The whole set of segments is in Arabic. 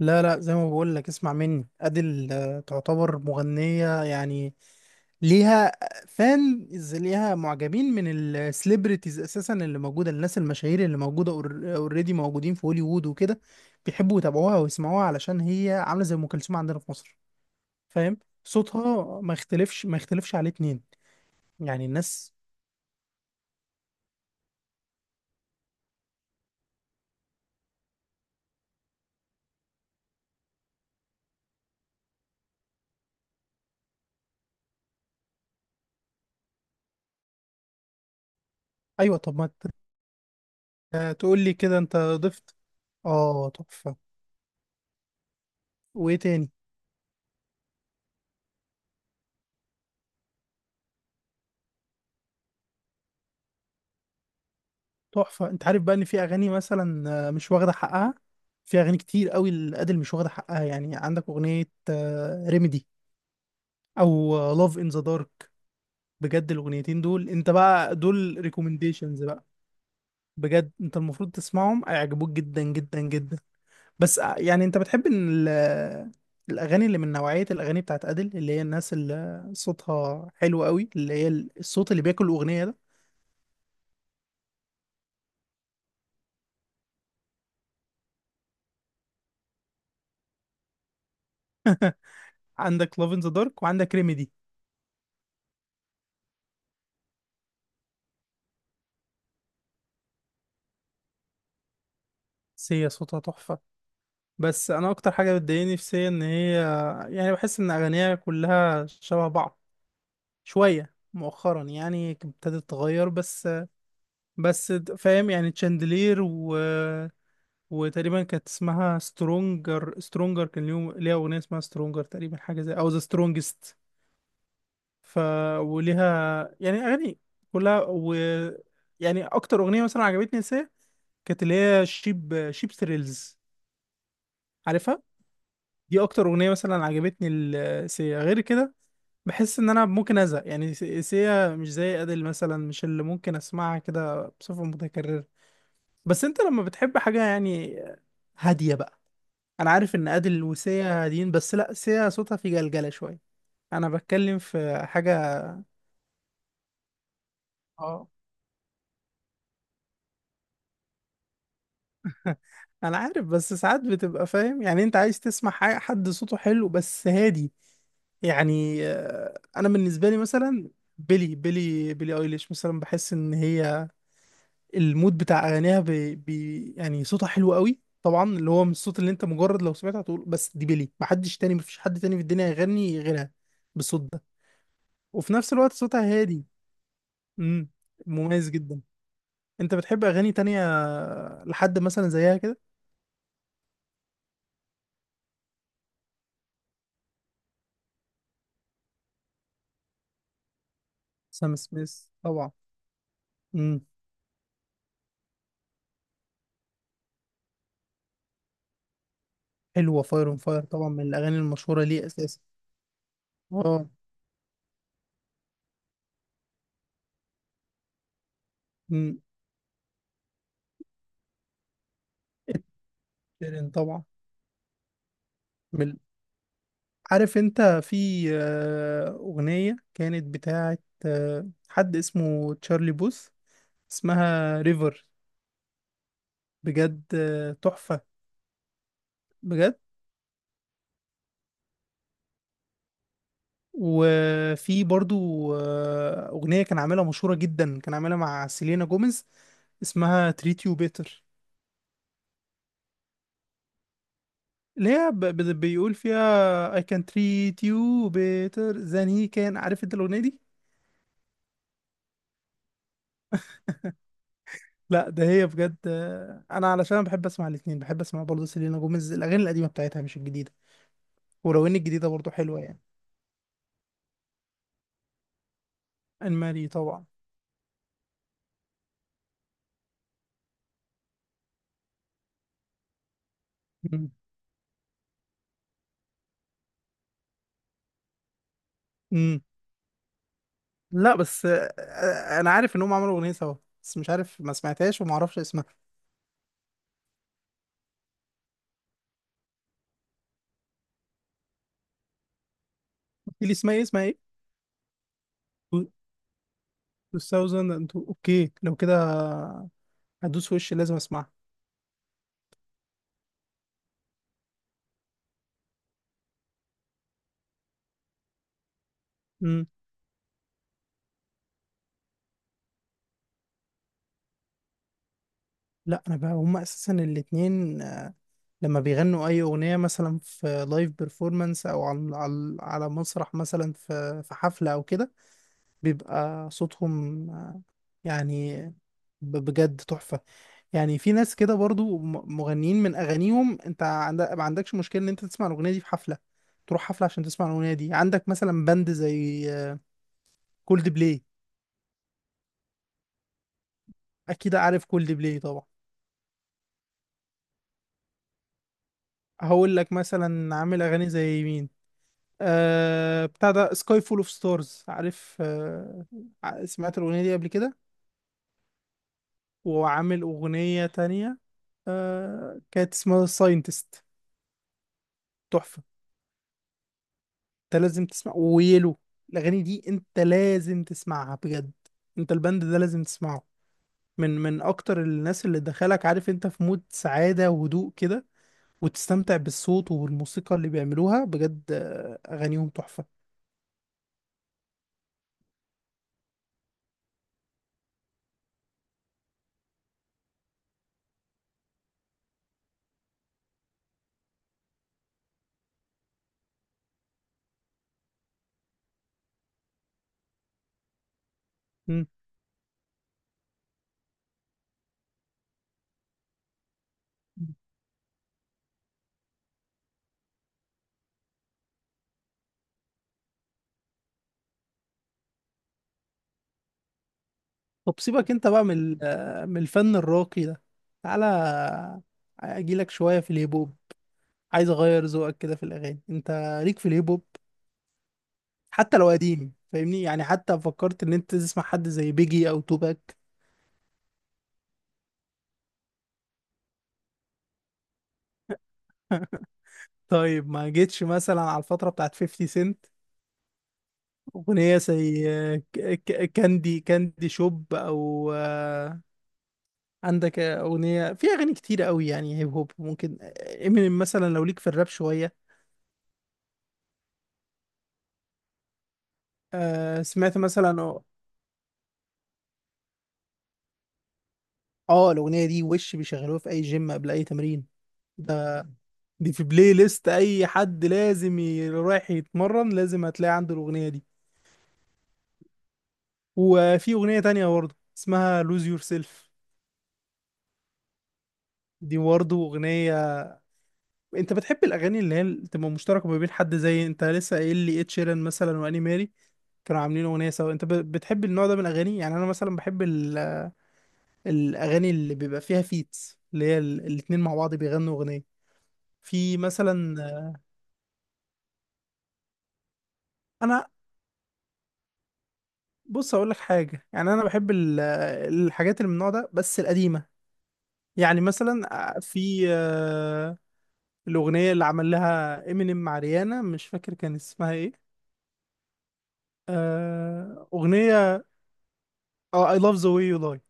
لا لا، زي ما بقول لك اسمع مني. أديل تعتبر مغنية، يعني ليها فان ليها معجبين من السليبرتيز اساسا، اللي موجوده الناس المشاهير اللي موجوده اوريدي موجودين في هوليوود وكده. بيحبوا يتابعوها ويسمعوها علشان هي عامله زي ام كلثوم عندنا في مصر، فاهم؟ صوتها ما يختلفش، عليه اتنين. يعني الناس ايوه. طب ما تقول لي كده انت ضفت؟ اه تحفه. وايه تاني؟ تحفة. انت عارف بقى ان في اغاني مثلا مش واخدة حقها؟ في اغاني كتير قوي الادل مش واخدة حقها. يعني عندك اغنية ريميدي او لاف ان ذا دارك، بجد الاغنيتين دول، انت بقى دول ريكومنديشنز بقى. بجد انت المفروض تسمعهم، هيعجبوك جدا جدا جدا. بس يعني انت بتحب ان الاغاني اللي من نوعية الاغاني بتاعت ادل، اللي هي الناس اللي صوتها حلو قوي، اللي هي الصوت اللي بياكل الاغنية ده. عندك لاف ان ذا دارك وعندك ريميدي. سيا صوتها تحفة، بس انا اكتر حاجه بتضايقني في سي ان هي يعني بحس ان اغانيها كلها شبه بعض. شويه مؤخرا يعني ابتدت تتغير، بس بس فاهم؟ يعني تشاندلير وتقريبا كانت اسمها سترونجر. سترونجر كان ليها اغنيه اسمها سترونجر تقريبا، حاجه زي او ذا سترونجست. ف وليها يعني اغاني كلها، و يعني اكتر اغنيه مثلا عجبتني سي كانت اللي هي شيب ثريلز، عارفها؟ دي اكتر اغنيه مثلا عجبتني السي، غير كده بحس ان انا ممكن ازهق. يعني سيا مش زي ادل مثلا، مش اللي ممكن اسمعها كده بصفة متكررة. بس انت لما بتحب حاجة يعني هادية بقى. انا عارف ان ادل وسيا هاديين، بس لا، سيا صوتها في جلجلة شوية. انا بتكلم في حاجة. اه. انا عارف، بس ساعات بتبقى فاهم؟ يعني انت عايز تسمع حاجة، حد صوته حلو بس هادي. يعني انا بالنسبة لي مثلا بيلي بيلي ايليش مثلا بحس ان هي المود بتاع اغانيها بي بي. يعني صوتها حلو قوي طبعا، اللي هو من الصوت اللي انت مجرد لو سمعته هتقول بس دي بيلي، محدش تاني، مفيش حد تاني في الدنيا يغني غيرها بالصوت ده. وفي نفس الوقت صوتها هادي. امم. مميز جدا. انت بتحب اغاني تانية لحد مثلا زيها كده؟ سام سميث طبعا. امم. حلوه فاير اون فاير طبعا، من الاغاني المشهوره ليه اساسا. اه. امم. إد شيران طبعا. من عارف انت في اغنية كانت بتاعت حد اسمه تشارلي بوث اسمها ريفر. بجد تحفة، بجد. وفي برضو اغنية كان عاملها مشهورة جدا، كان عاملها مع سيلينا جوميز، اسمها treat you better. اللي هي بيقول فيها I can treat you better than he can، عارف انت الاغنية دي؟ لا ده هي بجد انا علشان بحب اسمع الاتنين، بحب اسمع برضو سيلينا جوميز الاغاني القديمة بتاعتها مش الجديدة، ولو ان الجديده برضو حلوه يعني. المالي طبعا. مم. مم. لا بس انا عارف ان هم عملوا اغنيه سوا، بس مش عارف، ما سمعتهاش وما اعرفش اسمها. قلت لي اسمها ايه؟ اسمها ايه؟ 2000، انتوا اوكي لو كده هدوس وش لازم اسمعها. مم. لا انا بقى هم اساسا الاتنين لما بيغنوا اي اغنيه مثلا في لايف بيرفورمانس او على على مسرح مثلا في في حفله او كده، بيبقى صوتهم يعني بجد تحفه. يعني في ناس كده برضو مغنيين من اغانيهم انت عند... ما عندكش مشكله ان انت تسمع الاغنيه دي في حفله، تروح حفله عشان تسمع الاغنيه دي. عندك مثلا باند زي كولد بلاي. اكيد عارف كولد بلاي طبعا. هقول لك مثلا عامل اغاني زي مين. آه بتاع ده سكاي فول اوف ستارز، عارف؟ آه سمعت الاغنيه دي قبل كده؟ وعامل اغنيه تانية آه كانت اسمها ساينتست. انت لازم تسمع ويلو. الاغاني دي انت لازم تسمعها بجد، انت البند ده لازم تسمعه. من من اكتر الناس اللي دخلك عارف انت في مود سعادة وهدوء كده وتستمتع بالصوت وبالموسيقى اللي بيعملوها. بجد اغانيهم تحفة. مم. طب سيبك انت بقى من من الفن الراقي ده، تعالى اجيلك شوية في الهيب هوب. عايز اغير ذوقك كده في الاغاني. انت ليك في الهيب هوب؟ حتى لو قديم فاهمني، يعني حتى فكرت ان انت تسمع حد زي بيجي او توباك؟ طيب ما جيتش مثلا على الفترة بتاعت 50 سنت؟ أغنية زي كاندي كاندي شوب، أو عندك أغنية، في أغاني كتير قوي يعني هيب هوب. ممكن امينيم مثلا لو ليك في الراب شوية. سمعت مثلا؟ اه الأغنية دي وش بيشغلوها في أي جيم قبل أي تمرين ده. دي في بلاي ليست أي حد لازم رايح يتمرن لازم هتلاقي عنده الأغنية دي. وفي أغنية تانية برضه اسمها لوز يور سيلف، دي برضه أغنية. انت بتحب الاغاني اللي هي اللي تبقى مشتركه ما بين حد زي انت لسه قايل لي اد شيران مثلا واني ماري كانوا عاملين اغنيه سوا؟ انت بتحب النوع ده من الاغاني؟ يعني انا مثلا بحب الاغاني اللي بيبقى فيها فيتس، اللي هي الاتنين مع بعض بيغنوا اغنيه. في مثلا انا، بص اقول لك حاجه، يعني انا بحب الحاجات اللي من النوع ده بس القديمه. يعني مثلا في الاغنيه اللي عمل لها امينيم مع ريانا، مش فاكر كان اسمها ايه. اغنيه، اه I love the way you lie،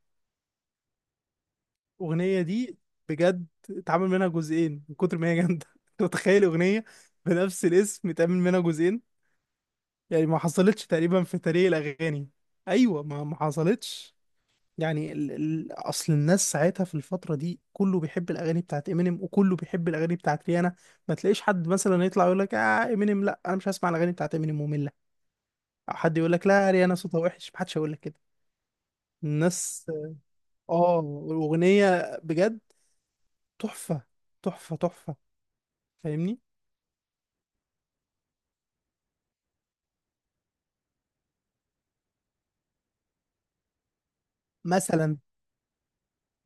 الأغنية دي بجد اتعمل منها جزئين من كتر ما هي جامدة. أنت متخيل أغنية بنفس الاسم اتعمل منها جزئين؟ يعني ما حصلتش تقريبا في تاريخ الأغاني. أيوة، ما حصلتش. يعني أصل الناس ساعتها في الفترة دي كله بيحب الأغاني بتاعت إمينيم، وكله بيحب الأغاني بتاعت ريانا. ما تلاقيش حد مثلا يطلع يقول لك آه إمينيم لا، أنا مش هسمع الأغاني بتاعت إمينيم، مملة. أو حد يقول لك لا ريانا صوتها وحش، ما حدش هيقول لك كده. الناس آه الأغنية بجد تحفة، تحفة، تحفة، فاهمني؟ مثلا،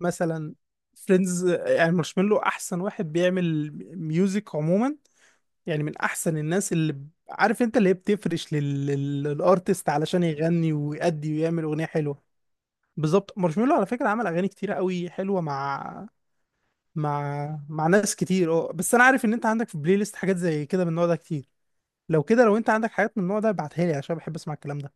مثلا فريندز. يعني مارشميلو احسن واحد بيعمل ميوزك عموما. يعني من احسن الناس اللي عارف انت اللي هي بتفرش للارتست علشان يغني ويأدي ويعمل اغنيه حلوه. بالظبط. مارشميلو على فكره عمل اغاني كتيره قوي حلوه مع مع ناس كتير. اه بس انا عارف ان انت عندك في بلاي ليست حاجات زي كده من النوع ده كتير. لو كده، لو انت عندك حاجات من النوع ده ابعتها لي عشان بحب اسمع الكلام ده.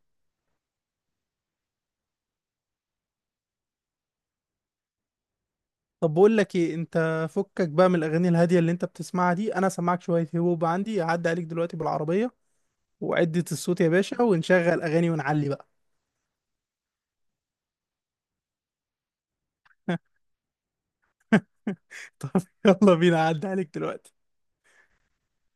طب بقول لك ايه؟ انت فكك بقى من الاغاني الهاديه اللي انت بتسمعها دي، انا سامعك شويه هيب هوب. عندي هعدي عليك دلوقتي بالعربيه، وعدة الصوت يا باشا، ونشغل اغاني ونعلي بقى. طب يلا بينا، هعدي عليك دلوقتي.